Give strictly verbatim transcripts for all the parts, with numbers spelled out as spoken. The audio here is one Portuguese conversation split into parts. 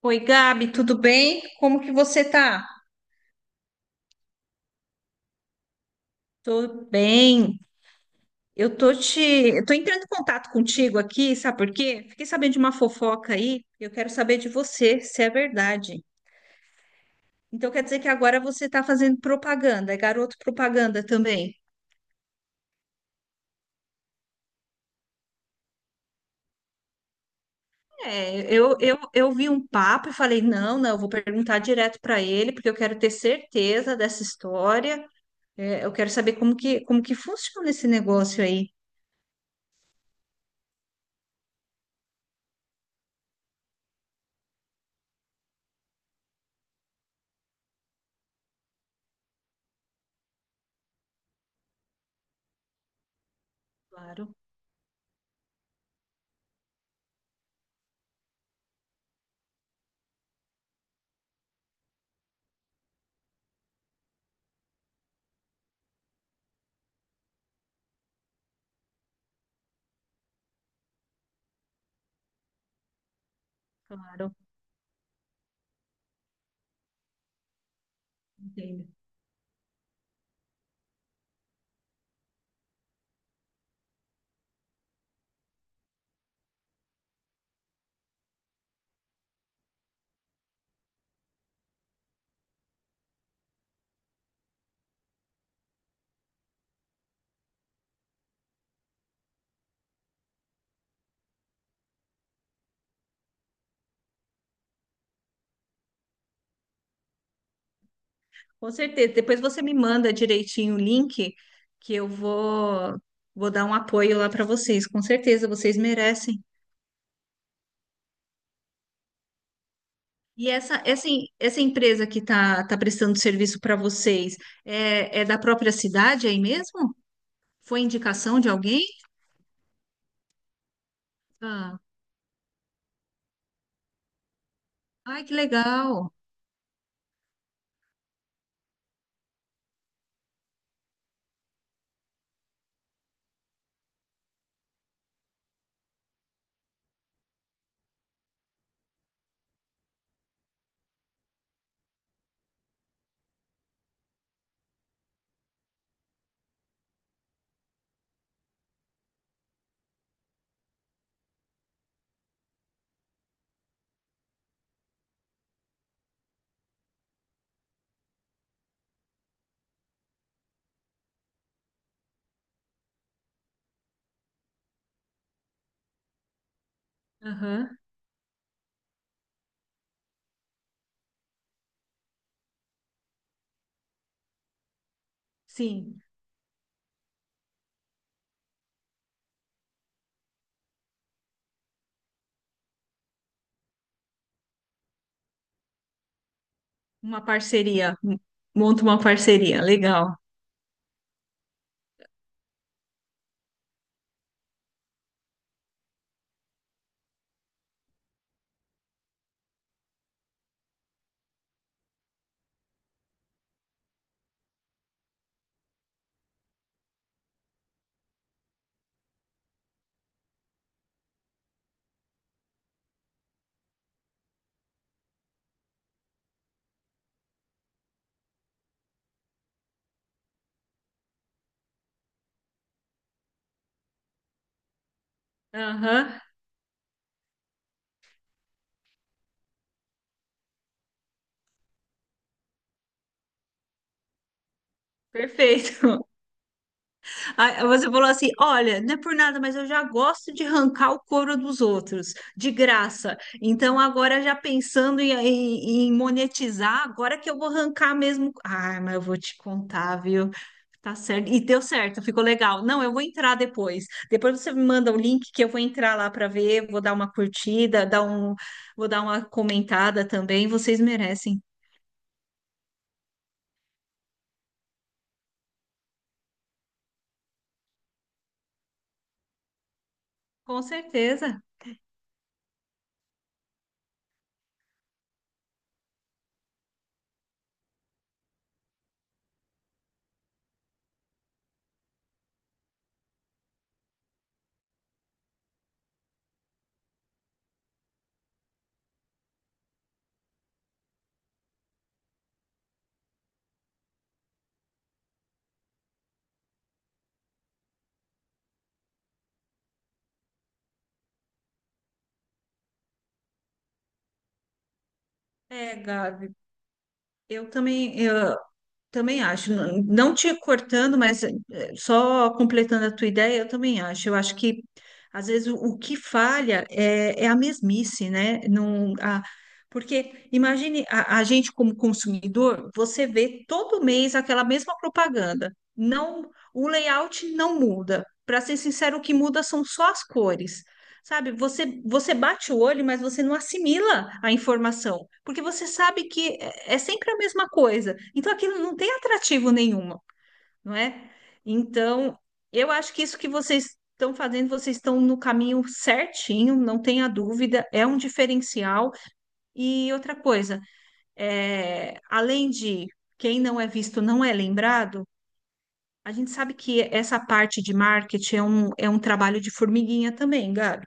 Oi, Gabi, tudo bem? Como que você tá? Tô bem. Eu tô te, eu tô entrando em contato contigo aqui, sabe por quê? Fiquei sabendo de uma fofoca aí, e eu quero saber de você se é verdade. Então quer dizer que agora você tá fazendo propaganda, é garoto propaganda também. É, eu, eu, eu vi um papo e falei, não, não, eu vou perguntar direto para ele, porque eu quero ter certeza dessa história. É, eu quero saber como que, como que funciona esse negócio aí. Claro, claro, entendo. Com certeza. Depois você me manda direitinho o link que eu vou vou dar um apoio lá para vocês. Com certeza, vocês merecem. E essa essa, em- essa empresa que tá, tá prestando serviço para vocês é, é da própria cidade aí mesmo? Foi indicação de alguém? Ah, ai, que legal. Aham. Sim, uma parceria. Monta uma parceria. Legal. Aham. Perfeito. Aí você falou assim: olha, não é por nada, mas eu já gosto de arrancar o couro dos outros, de graça. Então, agora já pensando em, em- em monetizar, agora que eu vou arrancar mesmo. Ah, mas eu vou te contar, viu? Tá certo. E deu certo, ficou legal. Não, eu vou entrar depois. Depois você me manda o link que eu vou entrar lá para ver, vou dar uma curtida, dar um, vou dar uma comentada também. Vocês merecem. Com certeza. É, Gabi, eu também. Eu, também acho, não não te cortando, mas eh, só completando a tua ideia, eu também acho. Eu acho que às vezes o, o que falha é, é a mesmice, né? Não, a, Porque imagine a, a gente como consumidor, você vê todo mês aquela mesma propaganda. Não, o layout não muda. Para ser sincero, o que muda são só as cores. Sabe, você, você bate o olho, mas você não assimila a informação, porque você sabe que é é sempre a mesma coisa. Então aquilo não tem atrativo nenhuma, não é? Então, eu acho que isso que vocês estão fazendo, vocês estão no caminho certinho, não tenha dúvida, é um diferencial. E outra coisa, é, além de quem não é visto não é lembrado, a gente sabe que essa parte de marketing é um, é um trabalho de formiguinha também, Gabi.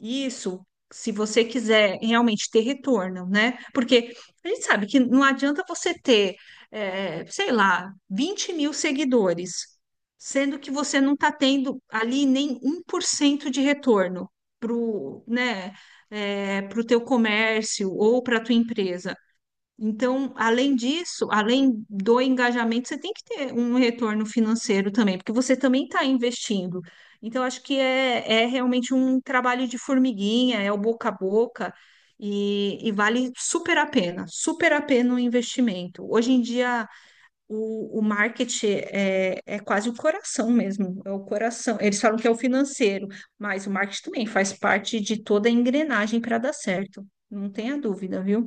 Isso, se você quiser realmente ter retorno, né? Porque a gente sabe que não adianta você ter, eh, sei lá, vinte mil seguidores, sendo que você não está tendo ali nem um por cento de retorno para o, né, para o teu comércio ou para a tua empresa. Então, além disso, além do engajamento, você tem que ter um retorno financeiro também, porque você também está investindo. Então, acho que é, é realmente um trabalho de formiguinha, é o boca a boca, e, e vale super a pena, super a pena o investimento. Hoje em dia, o, o marketing é, é quase o coração mesmo, é o coração. Eles falam que é o financeiro, mas o marketing também faz parte de toda a engrenagem para dar certo, não tenha dúvida, viu?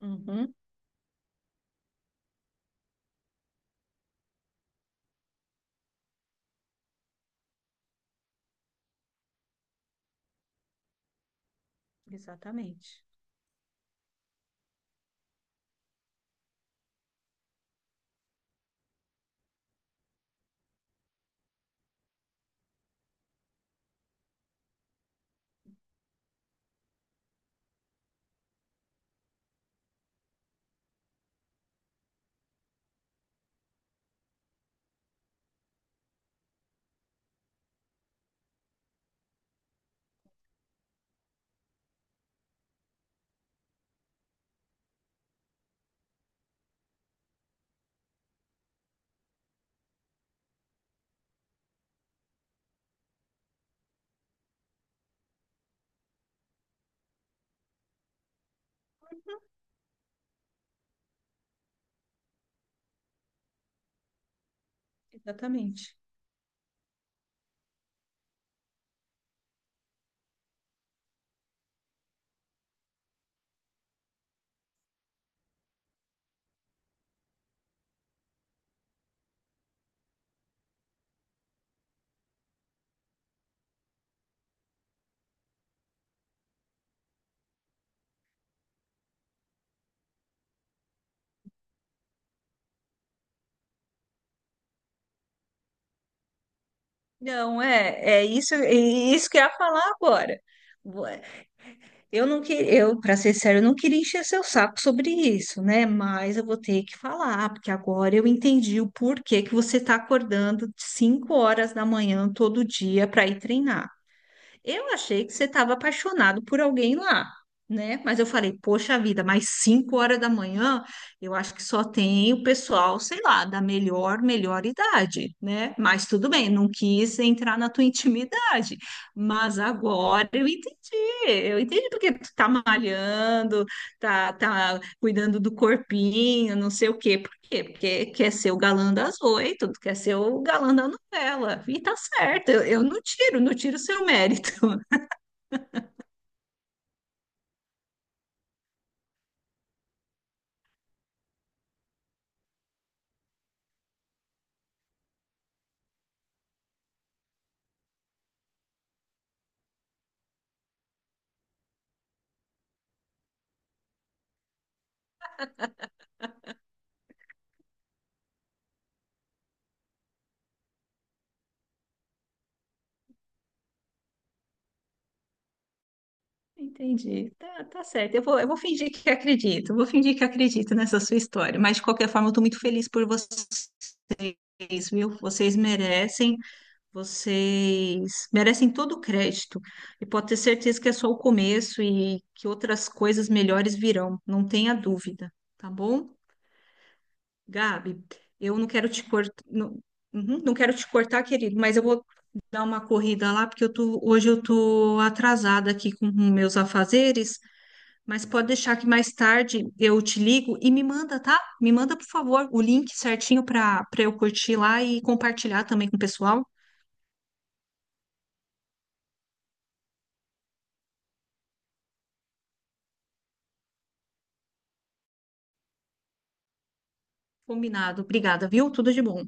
Uhum. Exatamente, exatamente. Não, é, é isso, é isso que eu ia falar agora. Ué, Eu não que, eu, para ser sério, eu não queria encher seu saco sobre isso, né? Mas eu vou ter que falar, porque agora eu entendi o porquê que você está acordando de cinco horas da manhã horas da manhã todo dia para ir treinar. Eu achei que você estava apaixonado por alguém lá, né? Mas eu falei, poxa vida, mais cinco horas da manhã, eu acho que só tem o pessoal, sei lá, da melhor, melhor idade, né? Mas tudo bem, não quis entrar na tua intimidade. Mas agora eu entendi, eu entendi porque tu tá malhando, tá, tá cuidando do corpinho, não sei o quê. Por quê? Porque quer ser o galã das oito, quer ser o galã da novela. E tá certo, eu, eu não tiro, não tiro o seu mérito. Entendi. Tá, tá certo. Eu vou, eu vou fingir que acredito. Vou fingir que acredito nessa sua história. Mas, de qualquer forma, eu estou muito feliz por vocês, viu? Vocês merecem, vocês merecem todo o crédito. E pode ter certeza que é só o começo e que outras coisas melhores virão. Não tenha dúvida, tá bom? Gabi, eu não quero te cortar, não, uhum, não quero te cortar, querido, mas eu vou dar uma corrida lá, porque eu tô, hoje eu tô atrasada aqui com meus afazeres. Mas pode deixar que mais tarde eu te ligo e me manda, tá? Me manda, por favor, o link certinho para para eu curtir lá e compartilhar também com o pessoal. Combinado. Obrigada, viu? Tudo de bom.